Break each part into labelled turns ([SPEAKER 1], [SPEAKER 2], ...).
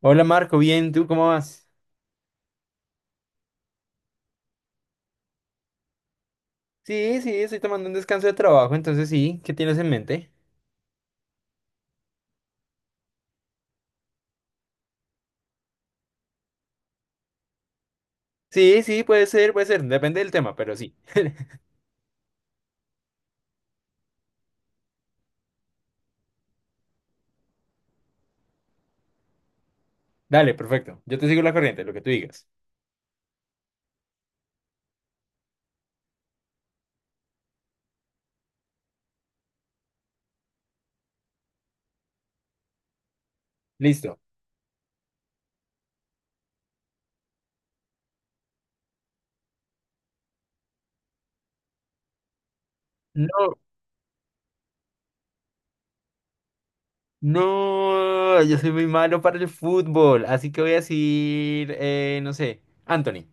[SPEAKER 1] Hola Marco, bien, ¿tú cómo vas? Sí, sí, estoy tomando un descanso de trabajo, entonces sí, ¿qué tienes en mente? Sí, sí, puede ser, depende del tema, pero sí. Dale, perfecto, yo te sigo la corriente, lo que tú digas. Listo. No, no, yo soy muy malo para el fútbol, así que voy a decir, no sé, Anthony.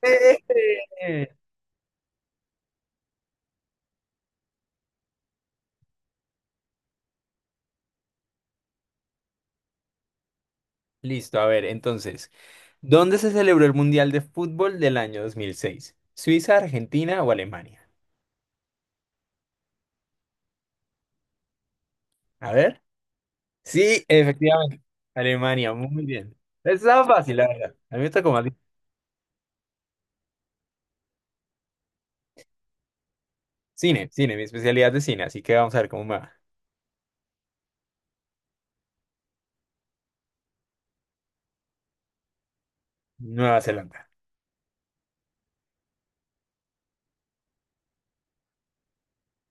[SPEAKER 1] ¡Eh! Listo, a ver, entonces, ¿dónde se celebró el Mundial de Fútbol del año 2006? ¿Suiza, Argentina o Alemania? A ver. Sí, efectivamente. Alemania, muy bien. Está fácil, la verdad. A mí me gusta como más cine, cine, mi especialidad de cine, así que vamos a ver cómo me va. Nueva Zelanda.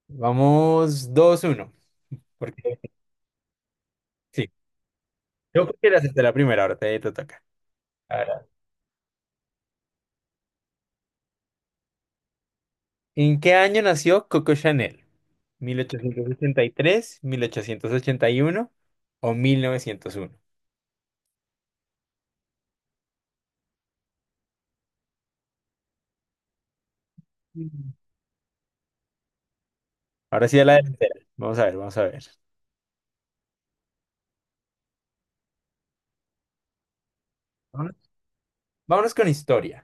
[SPEAKER 1] Vamos 2-1. Porque sí. Yo creo que era hasta la primera, ahora te toca. Ahora, ¿en qué año nació Coco Chanel? ¿1883, 1881 o 1901? Mm. Ahora sí a la delantera. Vamos a ver, vamos a ver. Vámonos, vámonos con historia.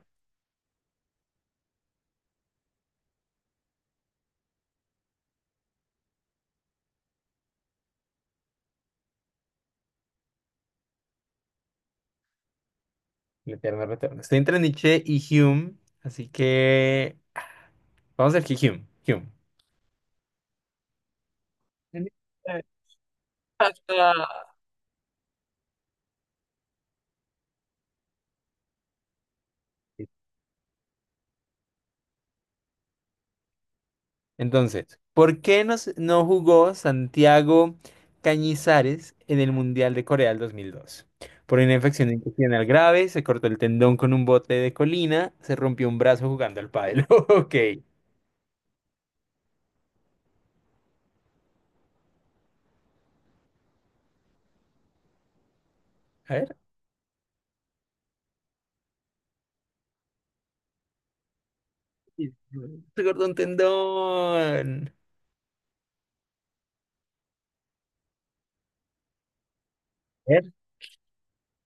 [SPEAKER 1] El eterno retorno. Estoy entre Nietzsche y Hume, así que vamos a ver que Hume. Hume. Eh, hasta- Entonces, ¿por qué no, no jugó Santiago Cañizares en el Mundial de Corea del 2002? Por una infección intestinal grave, se cortó el tendón con un bote de colina, se rompió un brazo jugando al pádel. Ok. A ver. Se cortó un tendón. A ver.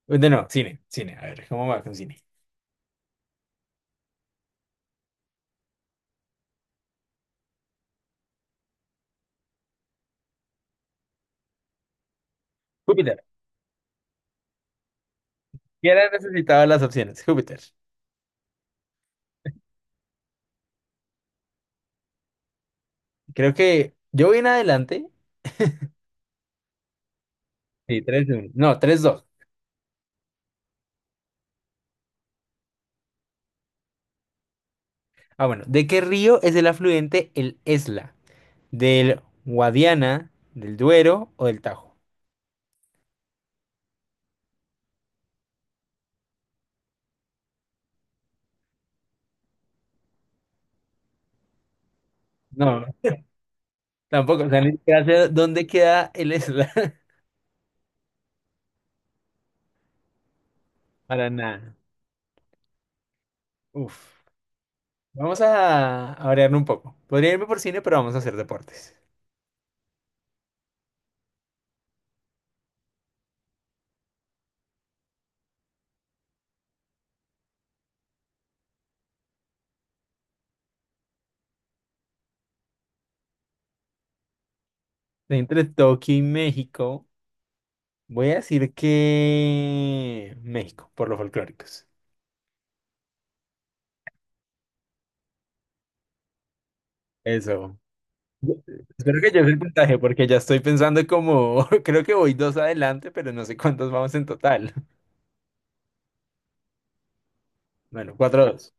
[SPEAKER 1] No, no, cine, cine. A ver, ¿cómo va con cine? Ya era necesitaba las opciones, Júpiter. Creo que yo voy en adelante. Sí, 3-1. No, 3-2. Ah, bueno. ¿De qué río es el afluente el Esla? ¿Del Guadiana, del Duero o del Tajo? No, tampoco. O sea, ni siquiera sé dónde queda el Esla. Para nada. Uf. Vamos a variar un poco. Podría irme por cine, pero vamos a hacer deportes. Entre Tokio y México, voy a decir que México, por los folclóricos. Eso. Espero que yo el puntaje porque ya estoy pensando como, creo que voy dos adelante, pero no sé cuántos vamos en total. Bueno, 4-2.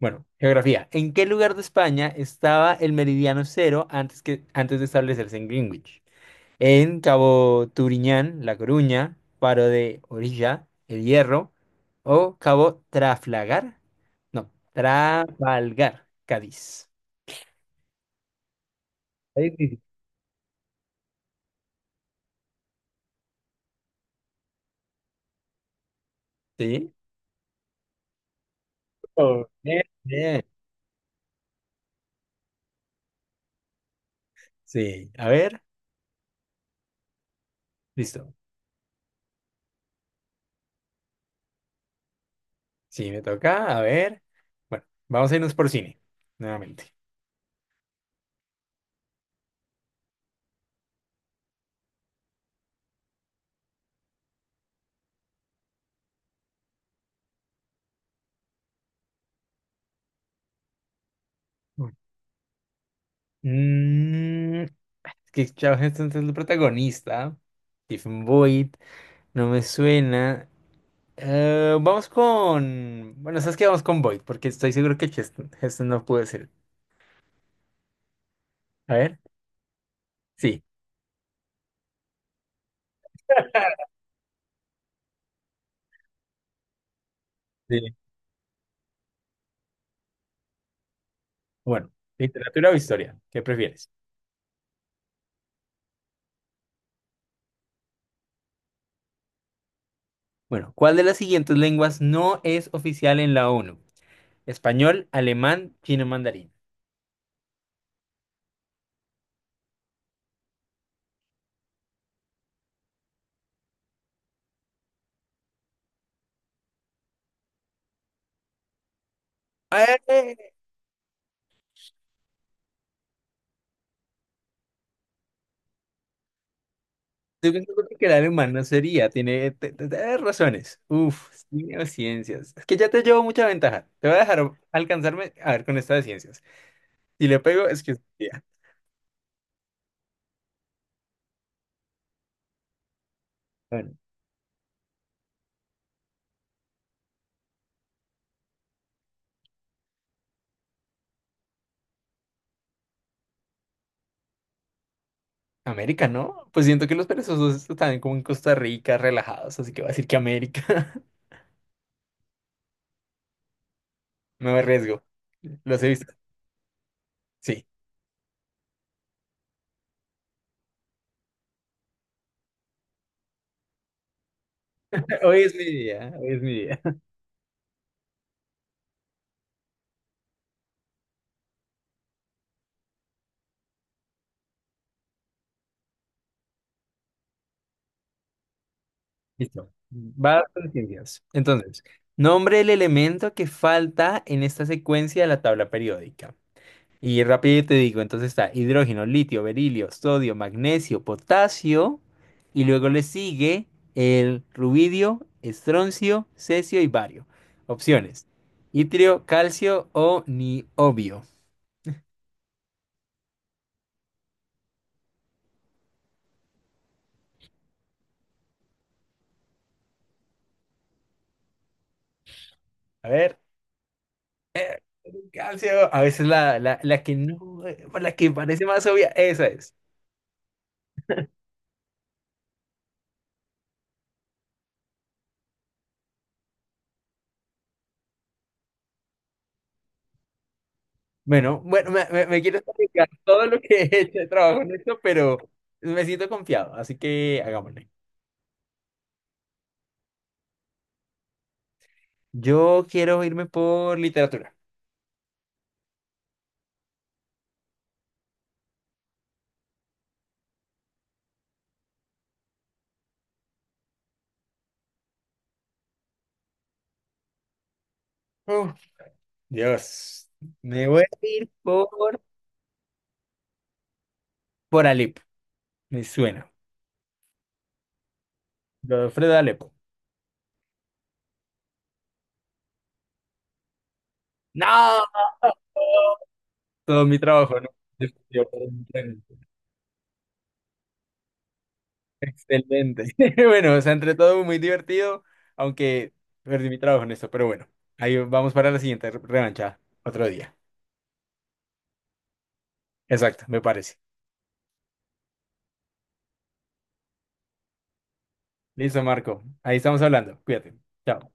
[SPEAKER 1] Bueno, geografía. ¿En qué lugar de España estaba el meridiano cero antes de establecerse en Greenwich? ¿En Cabo Turiñán, La Coruña, Faro de Orilla, El Hierro o Cabo Trafalgar? No, Trafalgar, Cádiz. Ahí sí. Sí. Oh, bien, bien. Sí, a ver, listo. Sí, me toca. A ver. Bueno, vamos a irnos por cine, nuevamente. Mm, es que Charlton Heston es el protagonista. Stephen Boyd, no me suena. Vamos con. Bueno, ¿sabes qué? Vamos con Boyd, porque estoy seguro que Heston no puede ser. A ver, sí. Sí. Bueno, literatura o historia, ¿qué prefieres? Bueno, ¿cuál de las siguientes lenguas no es oficial en la ONU? Español, alemán, chino mandarín. Yo creo que el alemán sería, tiene razones. Uf, sí, o ciencias. Es que ya te llevo mucha ventaja. Te voy a dejar alcanzarme a ver con esta de ciencias. Si le pego, es que sería. Bueno, América, ¿no? Pues siento que los perezosos están como en Costa Rica, relajados, así que voy a decir que América. Me arriesgo. Los he visto. Sí. Hoy es mi día, hoy es mi día. Listo. Va con ciencias. Entonces, nombre el elemento que falta en esta secuencia de la tabla periódica. Y rápido te digo, entonces está hidrógeno, litio, berilio, sodio, magnesio, potasio, y luego le sigue el rubidio, estroncio, cesio y bario. Opciones. Itrio, calcio o niobio. A ver, calcio, a veces la que no, la que parece más obvia, esa es. Bueno, bueno, me quiero explicar todo lo que he hecho de trabajo en esto, pero me siento confiado, así que hagámosle. Yo quiero irme por literatura. Dios, me voy a ir por, Alepo. Me suena. Godofredo Alepo. No, todo mi trabajo, ¿no? Excelente. Bueno, o sea, entre todo muy divertido, aunque perdí mi trabajo en esto, pero bueno, ahí vamos para la siguiente revancha, otro día. Exacto, me parece. Listo, Marco. Ahí estamos hablando. Cuídate. Chao.